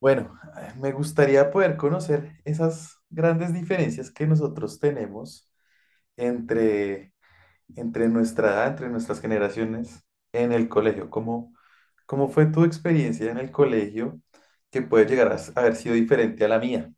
Bueno, me gustaría poder conocer esas grandes diferencias que nosotros tenemos entre, entre nuestra edad, entre nuestras generaciones en el colegio. ¿Cómo fue tu experiencia en el colegio que puede llegar a haber sido diferente a la mía?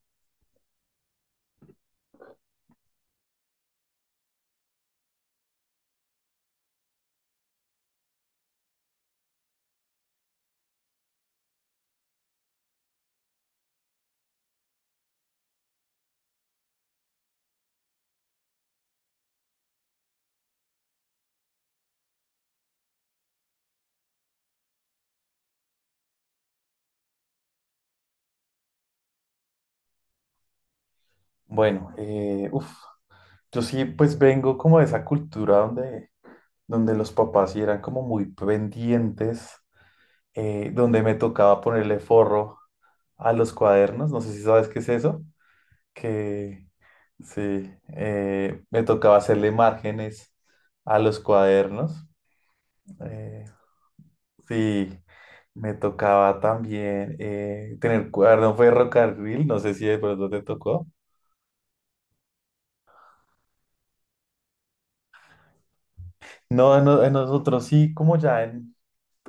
Bueno, uf, yo sí pues vengo como de esa cultura donde los papás sí eran como muy pendientes, donde me tocaba ponerle forro a los cuadernos, no sé si sabes qué es eso. que, Sí, me tocaba hacerle márgenes a los cuadernos. eh, sí, me tocaba también tener cuaderno ferrocarril, no sé si de pronto te tocó. No, en nosotros sí, como ya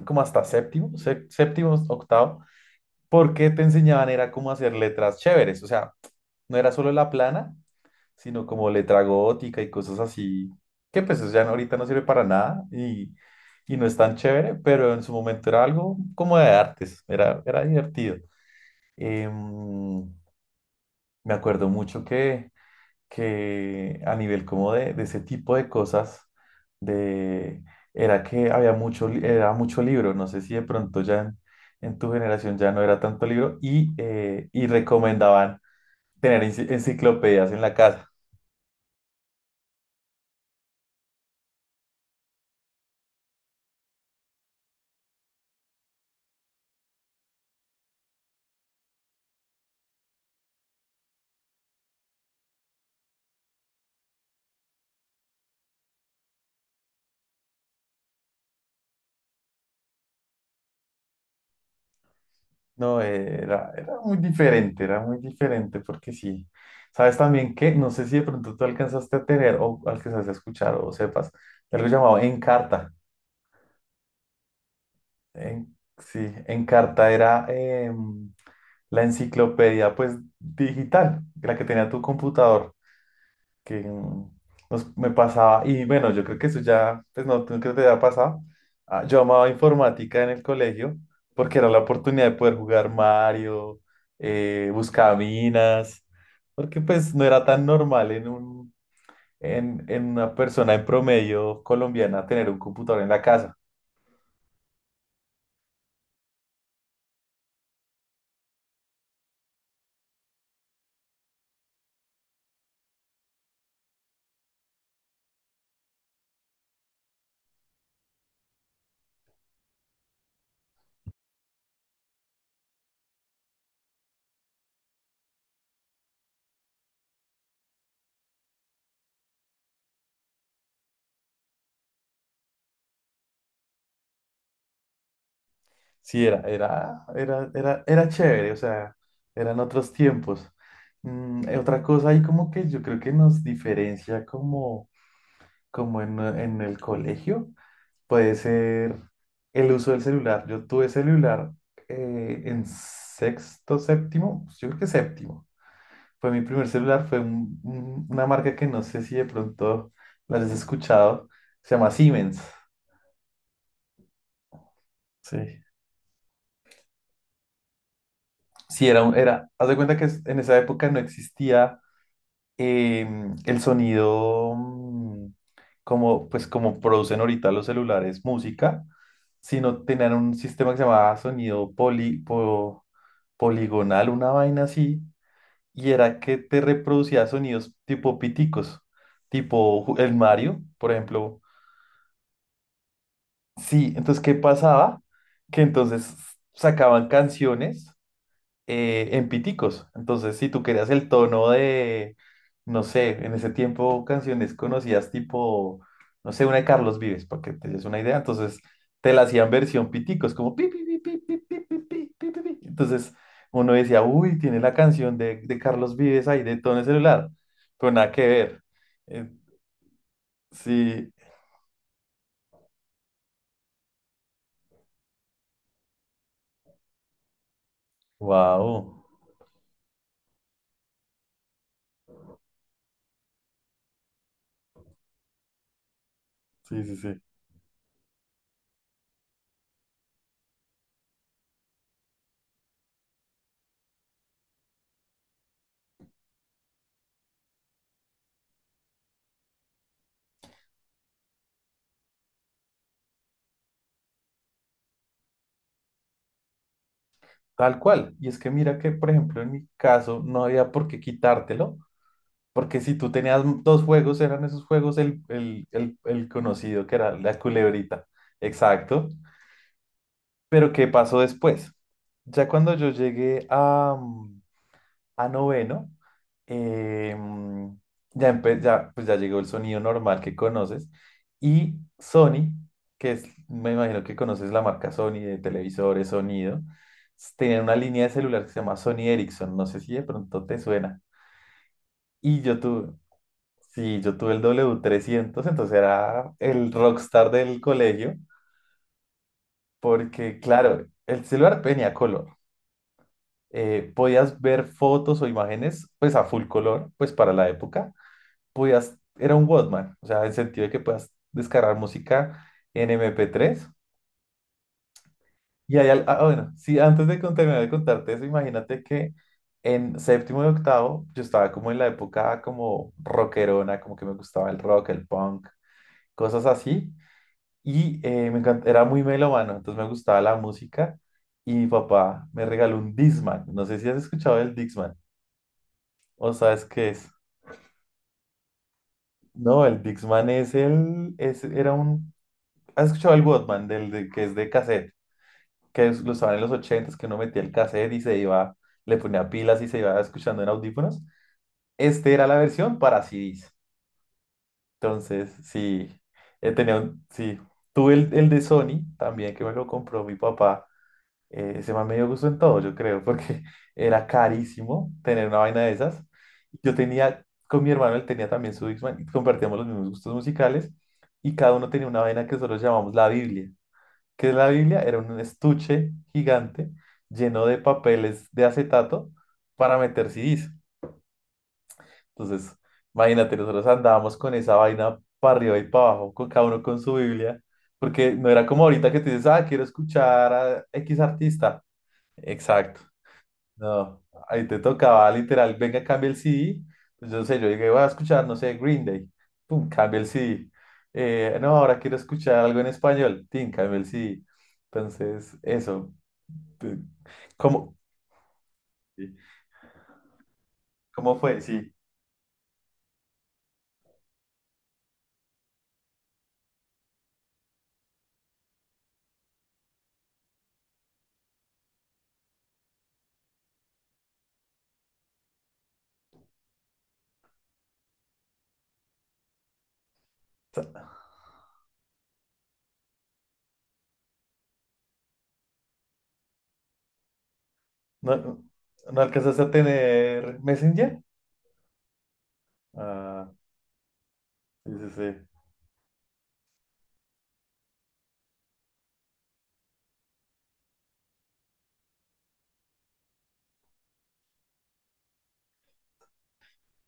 como hasta séptimo, séptimo, octavo, porque te enseñaban era cómo hacer letras chéveres, o sea, no era solo la plana, sino como letra gótica y cosas así, que pues eso ahorita no sirve para nada y no es tan chévere, pero en su momento era algo como de artes, era divertido. Em, Me acuerdo mucho que a nivel como de ese tipo de cosas, de, era que había era mucho libro, no sé si de pronto ya en tu generación ya no era tanto libro y recomendaban tener enciclopedias en la casa. No, era muy diferente porque sí. Sabes también que, no sé si de pronto tú alcanzaste a tener o alcanzaste a escuchar o sepas, de algo llamado Encarta. Sí, Encarta era la enciclopedia pues digital, la que tenía tu computador. Que me pasaba, y bueno, yo creo que eso ya, pues no, tú creo que te haya pasado. Ah, yo amaba informática en el colegio porque era la oportunidad de poder jugar Mario, buscaminas, porque pues no era tan normal en una persona en promedio colombiana tener un computador en la casa. Sí, era chévere, o sea, eran otros tiempos. Otra cosa ahí como que yo creo que nos diferencia como en el colegio, puede ser el uso del celular. Yo tuve celular en sexto, séptimo, yo creo que séptimo. Fue mi primer celular, fue una marca que no sé si de pronto la has escuchado, se llama Siemens. Sí. Sí, era, haz de cuenta que en esa época no existía el sonido, como, pues como producen ahorita los celulares música, sino tenían un sistema que se llamaba sonido poligonal, una vaina así, y era que te reproducía sonidos tipo piticos, tipo el Mario, por ejemplo. Sí, entonces, ¿qué pasaba? Que entonces sacaban canciones en piticos. Entonces, si tú querías el tono de, no sé, en ese tiempo canciones conocidas tipo, no sé, una de Carlos Vives, para que te des una idea, entonces te la hacían versión piticos, como pi, pi, pi, pi, pi, pi, pi, pi, pi, pi, pi. Entonces uno decía, uy, tiene la canción de Carlos Vives ahí de tono de celular, pero nada que ver. Eh, sí, wow, sí, sí, sí. Tal cual. Y es que mira que, por ejemplo, en mi caso no había por qué quitártelo, porque si tú tenías dos juegos, eran esos juegos el conocido que era la culebrita. Exacto. Pero ¿qué pasó después? Ya cuando yo llegué a noveno, eh, mm, ya, pues ya llegó el sonido normal que conoces. Y Sony, que es, me imagino que conoces la marca Sony de televisores, sonido, tenía una línea de celular que se llama Sony Ericsson. No sé si de pronto te suena. Y yo tuve, Sí, yo tuve el W300, entonces era el rockstar del colegio, porque claro, el celular tenía color. Podías ver fotos o imágenes pues a full color, pues para la época. Era un Walkman, o sea, en el sentido de que puedas descargar música en MP3. Y ahí, bueno, sí, antes de terminar de contarte eso, imagínate que en séptimo y octavo yo estaba como en la época como rockerona, como que me gustaba el rock, el punk, cosas así. Y me encanta, era muy melómano, entonces me gustaba la música. Y mi papá me regaló un Discman. No sé si has escuchado el Discman o sabes qué es. No, el Discman es el, es, era un, ¿Has escuchado el Walkman que es de cassette? Lo usaban en los 80, que uno metía el cassette y se iba, le ponía pilas y se iba escuchando en audífonos. Este era la versión para CDs. Entonces, sí, sí, tuve el de Sony también que me lo compró mi papá. Ese man me dio gusto en todo, yo creo, porque era carísimo tener una vaina de esas. Yo tenía, con mi hermano, él tenía también su Discman, y compartíamos los mismos gustos musicales, y cada uno tenía una vaina que nosotros llamamos la Biblia. ¿Qué es la Biblia? Era un estuche gigante lleno de papeles de acetato para meter CDs. Entonces, imagínate, nosotros andábamos con esa vaina para arriba y para abajo, con cada uno con su Biblia, porque no era como ahorita que te dices, ah, quiero escuchar a X artista. Exacto. No, ahí te tocaba literal, venga, cambia el CD. Pues yo no sé, yo llegué voy a escuchar, no sé, Green Day. Pum, cambia el CD. No, ahora quiero escuchar algo en español. Tin, cambia el CD. Entonces, eso. Te- ¿Cómo, cómo fue? Sí. ¿No, no alcanzaste a tener Messenger? Ah, sí, sí, sí.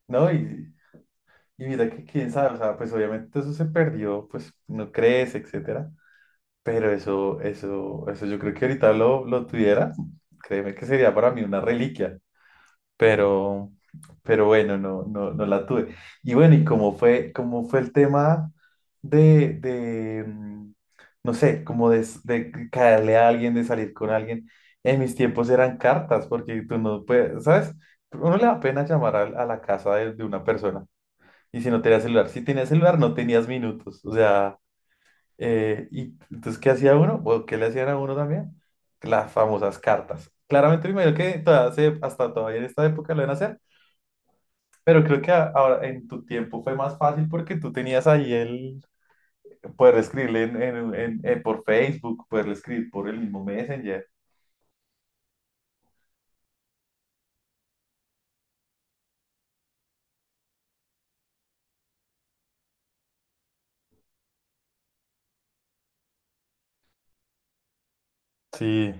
No, y mira que quién sabe, o sea, pues obviamente eso se perdió, pues no crees, etcétera. Pero eso yo creo que ahorita lo tuviera, créeme que sería para mí una reliquia, pero, pero bueno, no, no, no la tuve. Y bueno, ¿y cómo fue el tema de, de, mm, no sé, como de caerle a alguien, de salir con alguien? En mis tiempos eran cartas, porque tú no puedes, ¿sabes? Uno le da pena llamar a la casa de una persona. Y si no tenía celular, si tenías celular no tenías minutos, o sea. Y entonces, ¿qué hacía uno? ¿O qué le hacían a uno también? Las famosas cartas. Claramente, primero que todavía hasta todavía en esta época lo van a hacer, pero creo que ahora en tu tiempo fue más fácil porque tú tenías ahí el poder escribirle por Facebook, poder escribir por el mismo Messenger. Sí,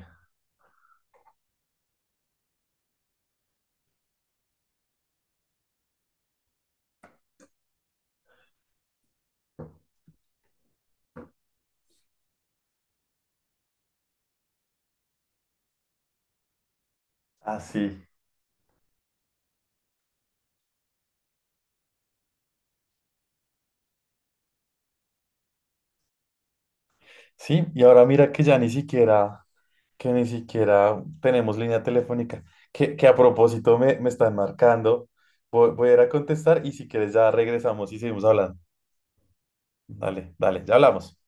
así. Sí, y ahora mira que ya ni siquiera, que ni siquiera tenemos línea telefónica, que a propósito me están marcando. Voy a ir a contestar y si quieres ya regresamos y seguimos hablando. Dale, dale, ya hablamos.